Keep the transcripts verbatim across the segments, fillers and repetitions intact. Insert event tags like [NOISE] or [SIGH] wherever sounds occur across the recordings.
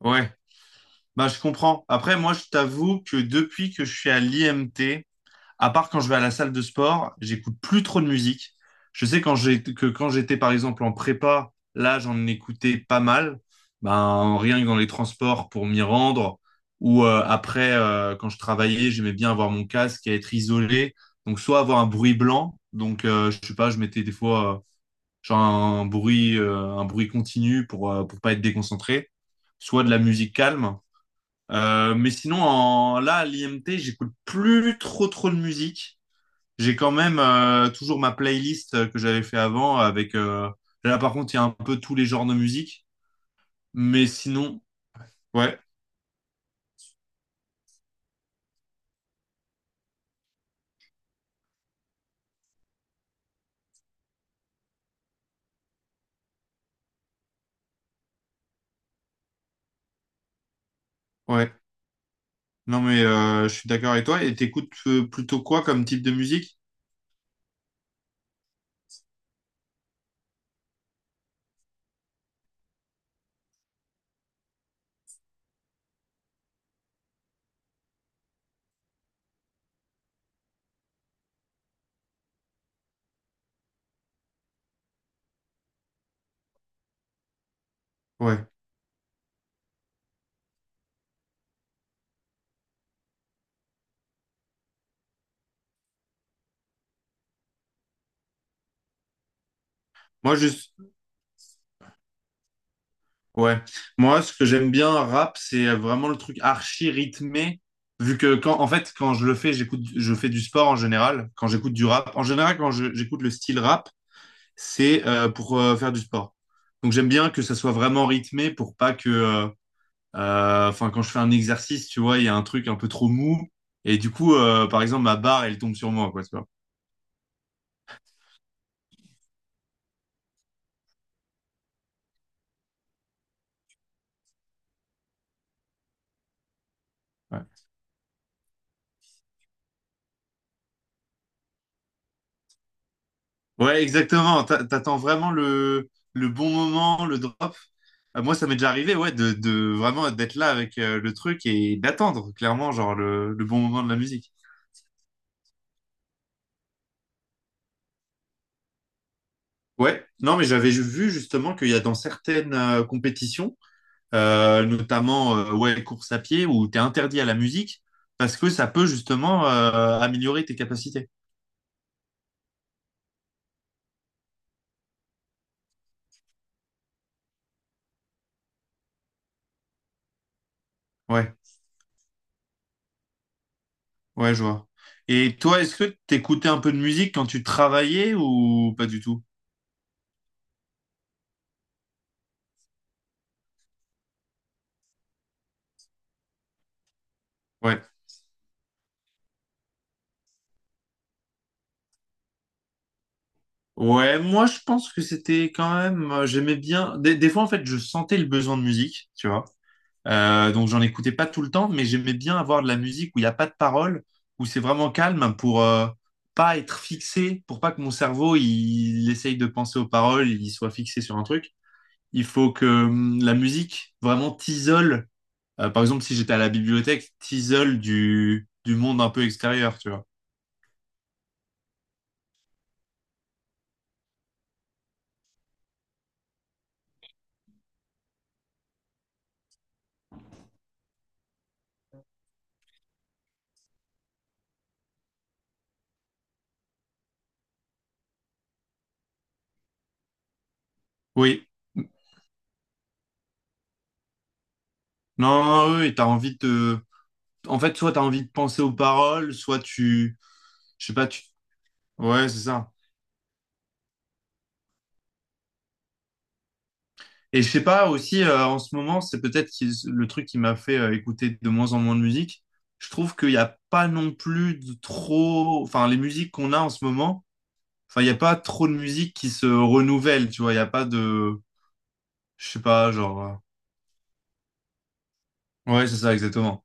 Ouais, bah je comprends. Après, moi, je t'avoue que depuis que je suis à l'I M T, à part quand je vais à la salle de sport, j'écoute plus trop de musique. Je sais quand j'ai que quand j'étais par exemple en prépa, là, j'en écoutais pas mal. Ben rien que dans les transports pour m'y rendre ou euh, après euh, quand je travaillais, j'aimais bien avoir mon casque et être isolé. Donc soit avoir un bruit blanc, donc euh, je sais pas, je mettais des fois euh, genre un bruit euh, un bruit continu pour euh, pour pas être déconcentré, soit de la musique calme. Euh, mais sinon, en, là, à l'I M T, j'écoute plus trop trop de musique. J'ai quand même euh, toujours ma playlist euh, que j'avais fait avant avec... euh, Là, par contre, il y a un peu tous les genres de musique. Mais sinon, ouais, ouais. Non, mais euh, je suis d'accord avec toi. Et t'écoutes euh, plutôt quoi comme type de musique? Ouais. Moi, juste... Ouais. Moi, ce que j'aime bien, rap, c'est vraiment le truc archi rythmé. Vu que quand, en fait, quand je le fais, j'écoute, je fais du sport en général. Quand j'écoute du rap, en général, quand je- j'écoute le style rap, c'est euh, pour euh, faire du sport. Donc j'aime bien que ça soit vraiment rythmé pour pas que, euh, euh, enfin quand je fais un exercice, tu vois, il y a un truc un peu trop mou et du coup, euh, par exemple, ma barre elle tombe sur moi, quoi, tu vois. Ouais, Ouais, exactement. T'a- T'attends vraiment le le bon moment, le drop. Euh, moi, ça m'est déjà arrivé, ouais, de, de vraiment d'être là avec euh, le truc et d'attendre clairement genre le le bon moment de la musique. Ouais, non, mais j'avais ju- vu justement qu'il y a dans certaines euh, compétitions euh, notamment euh, ouais, course à pied, où tu es interdit à la musique, parce que ça peut justement euh, améliorer tes capacités. Ouais, ouais, je vois. Et toi, est-ce que t'écoutais un peu de musique quand tu travaillais ou pas du tout? Ouais. Ouais, moi je pense que c'était quand même, euh, j'aimais bien. Des, des fois en fait, je sentais le besoin de musique, tu vois. Euh, donc j'en écoutais pas tout le temps, mais j'aimais bien avoir de la musique où il n'y a pas de paroles, où c'est vraiment calme pour euh, pas être fixé, pour pas que mon cerveau il, il essaye de penser aux paroles, il soit fixé sur un truc. Il faut que hum, la musique vraiment t'isole. Euh, par exemple, si j'étais à la bibliothèque, t'isole du, du monde un peu extérieur, tu vois. Oui. Non, non, oui, oui, t'as envie de... En fait, soit t'as envie de penser aux paroles, soit tu... Je sais pas, tu... Ouais, c'est ça. Et je sais pas aussi euh, en ce moment, c'est peut-être qui- le truc qui m'a fait euh, écouter de moins en moins de musique. Je trouve qu'il n'y a pas non plus de trop, enfin les musiques qu'on a en ce moment, enfin il n'y a pas trop de musique qui se renouvelle, tu vois. Il n'y a pas de, je sais pas, genre, euh, ouais c'est ça exactement.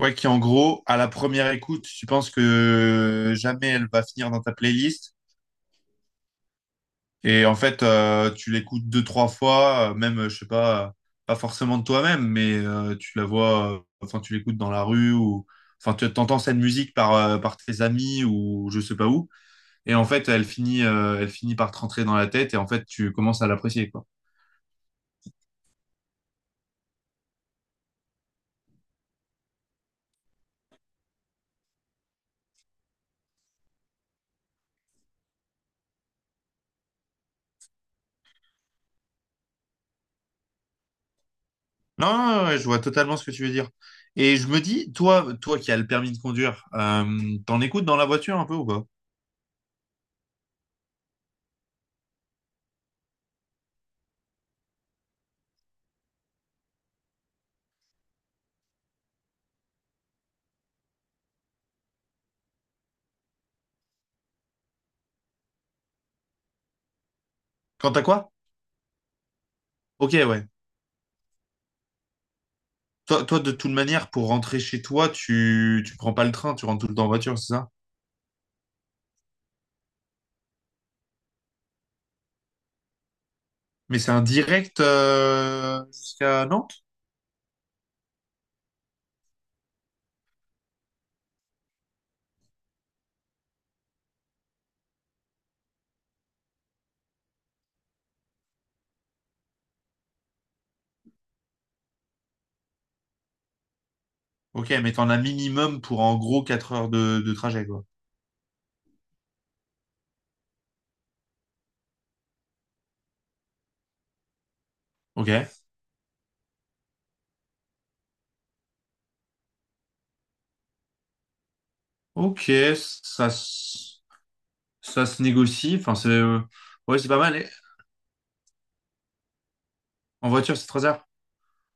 Ouais, qui en gros à la première écoute, tu penses que jamais elle va finir dans ta playlist. Et en fait, euh, tu l'écoutes deux, trois fois, euh, même, euh, je sais pas, euh, pas forcément de toi-même, mais euh, tu la vois, euh, enfin, tu l'écoutes dans la rue ou, enfin, tu entends cette musique par, euh, par tes amis ou je sais pas où. Et en fait, elle finit, euh, elle finit par te rentrer dans la tête et en fait, tu commences à l'apprécier, quoi. Non, non, non, ouais, je vois totalement ce que tu veux dire. Et je me dis, toi, toi qui as le permis de conduire, euh, t'en écoutes dans la voiture un peu ou pas? Quant à quoi? Ok, ouais. Toi, toi, de toute manière, pour rentrer chez toi, tu, tu prends pas le train, tu rentres tout le temps en voiture, c'est ça? Mais c'est un direct euh, jusqu'à Nantes? Ok, mais t'en as minimum pour en gros quatre heures de, de trajet, quoi. Ok. Ok, ça, se- ça se négocie. Enfin, c'est euh, ouais, c'est pas mal. Et. En voiture, c'est trois heures.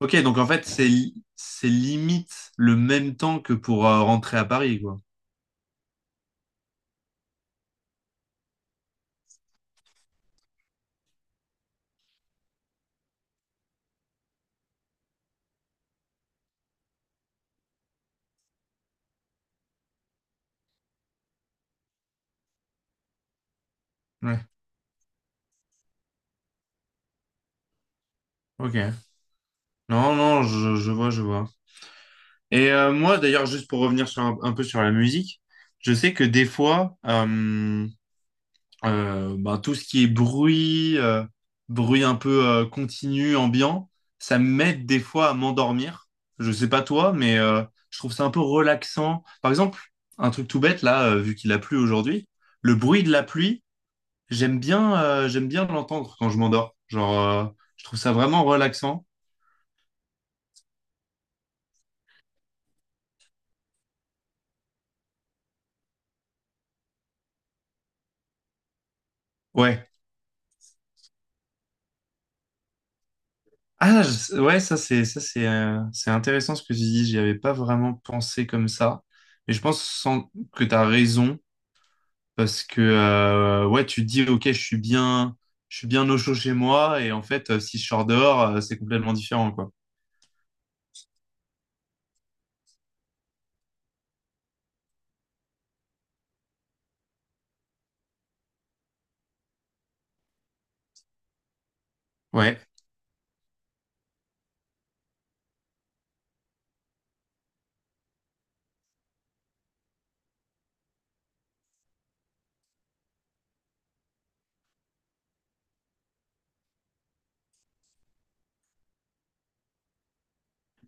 Ok, donc en fait, c'est li- c'est limite le même temps que pour euh, rentrer à Paris, quoi. Ouais. Ok. Non, non, je, je vois, je vois. Et euh, moi, d'ailleurs, juste pour revenir sur un, un peu sur la musique, je sais que des fois, euh, Euh, ben, tout ce qui est bruit, euh, bruit un peu euh, continu, ambiant, ça m'aide des fois à m'endormir. Je sais pas toi, mais euh, je trouve ça un peu relaxant. Par exemple, un truc tout bête là, euh, vu qu'il a plu aujourd'hui, le bruit de la pluie, j'aime bien, euh, j'aime bien l'entendre quand je m'endors. Genre, euh, je trouve ça vraiment relaxant. Ouais. Ah, je- ouais, ça c'est, ça c'est, euh, c'est intéressant ce que tu dis. J'y avais pas vraiment pensé comme ça, mais je pense sans- que tu as raison. Parce que euh, ouais, tu te dis ok, je suis bien, je suis bien au chaud chez moi et en fait, euh, si je sors dehors, euh, c'est complètement différent quoi. Ouais,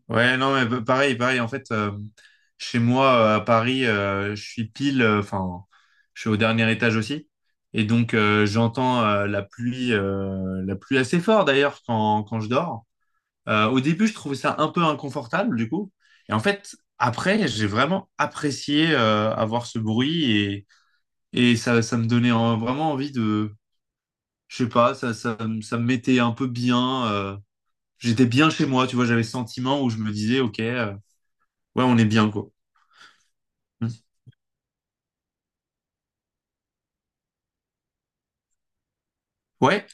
ouais, non mais bah, pareil, pareil. En fait, euh, chez moi euh, à Paris, euh, je suis pile, euh, enfin, je suis au dernier étage aussi et donc euh, j'entends euh, la pluie, euh, la pluie assez fort d'ailleurs quand quand je dors. Euh, au début, je trouvais ça un peu inconfortable du coup et en fait. Après, j'ai vraiment apprécié euh, avoir ce bruit. Et ça, ça me donnait en- vraiment envie de, je sais pas, ça, ça, me- ça me mettait un peu bien. euh, j'étais bien chez moi, tu vois, j'avais ce sentiment où je me disais, ok, euh, ouais, on est bien, quoi. Hmm. Ouais.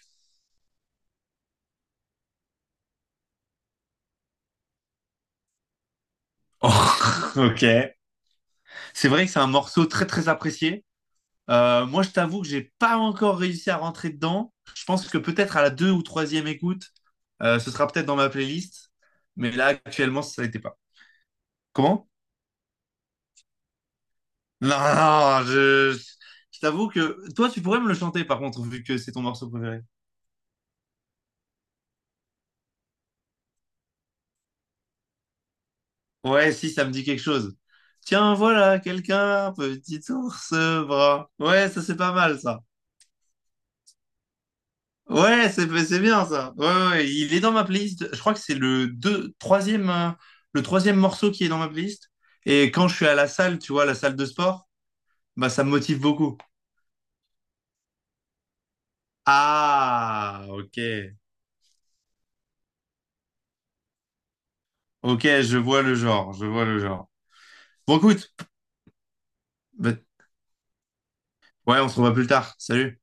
Oh, [LAUGHS] ok. C'est vrai que c'est un morceau très, très apprécié. Euh, moi, je t'avoue que j'ai pas encore réussi à rentrer dedans. Je pense que peut-être à la deux ou troisième écoute, euh, ce sera peut-être dans ma playlist. Mais là, actuellement, ça n'était pas. Comment? Non, non, je, je t'avoue que toi, tu pourrais me le chanter, par contre, vu que c'est ton morceau préféré. Ouais, si, ça me dit quelque chose. Tiens, voilà, quelqu'un, petit ours brun. Ouais, ça c'est pas mal ça. Ouais, c'est c'est bien ça. Ouais, ouais, ouais, il est dans ma playlist. Je crois que c'est le deux, troisième, euh, le troisième morceau qui est dans ma playlist. Et quand je suis à la salle, tu vois, la salle de sport, bah ça me motive beaucoup. Ah, ok. Ok, je vois le genre, je vois le genre. Bon, écoute, bah, ouais, on se revoit plus tard. Salut.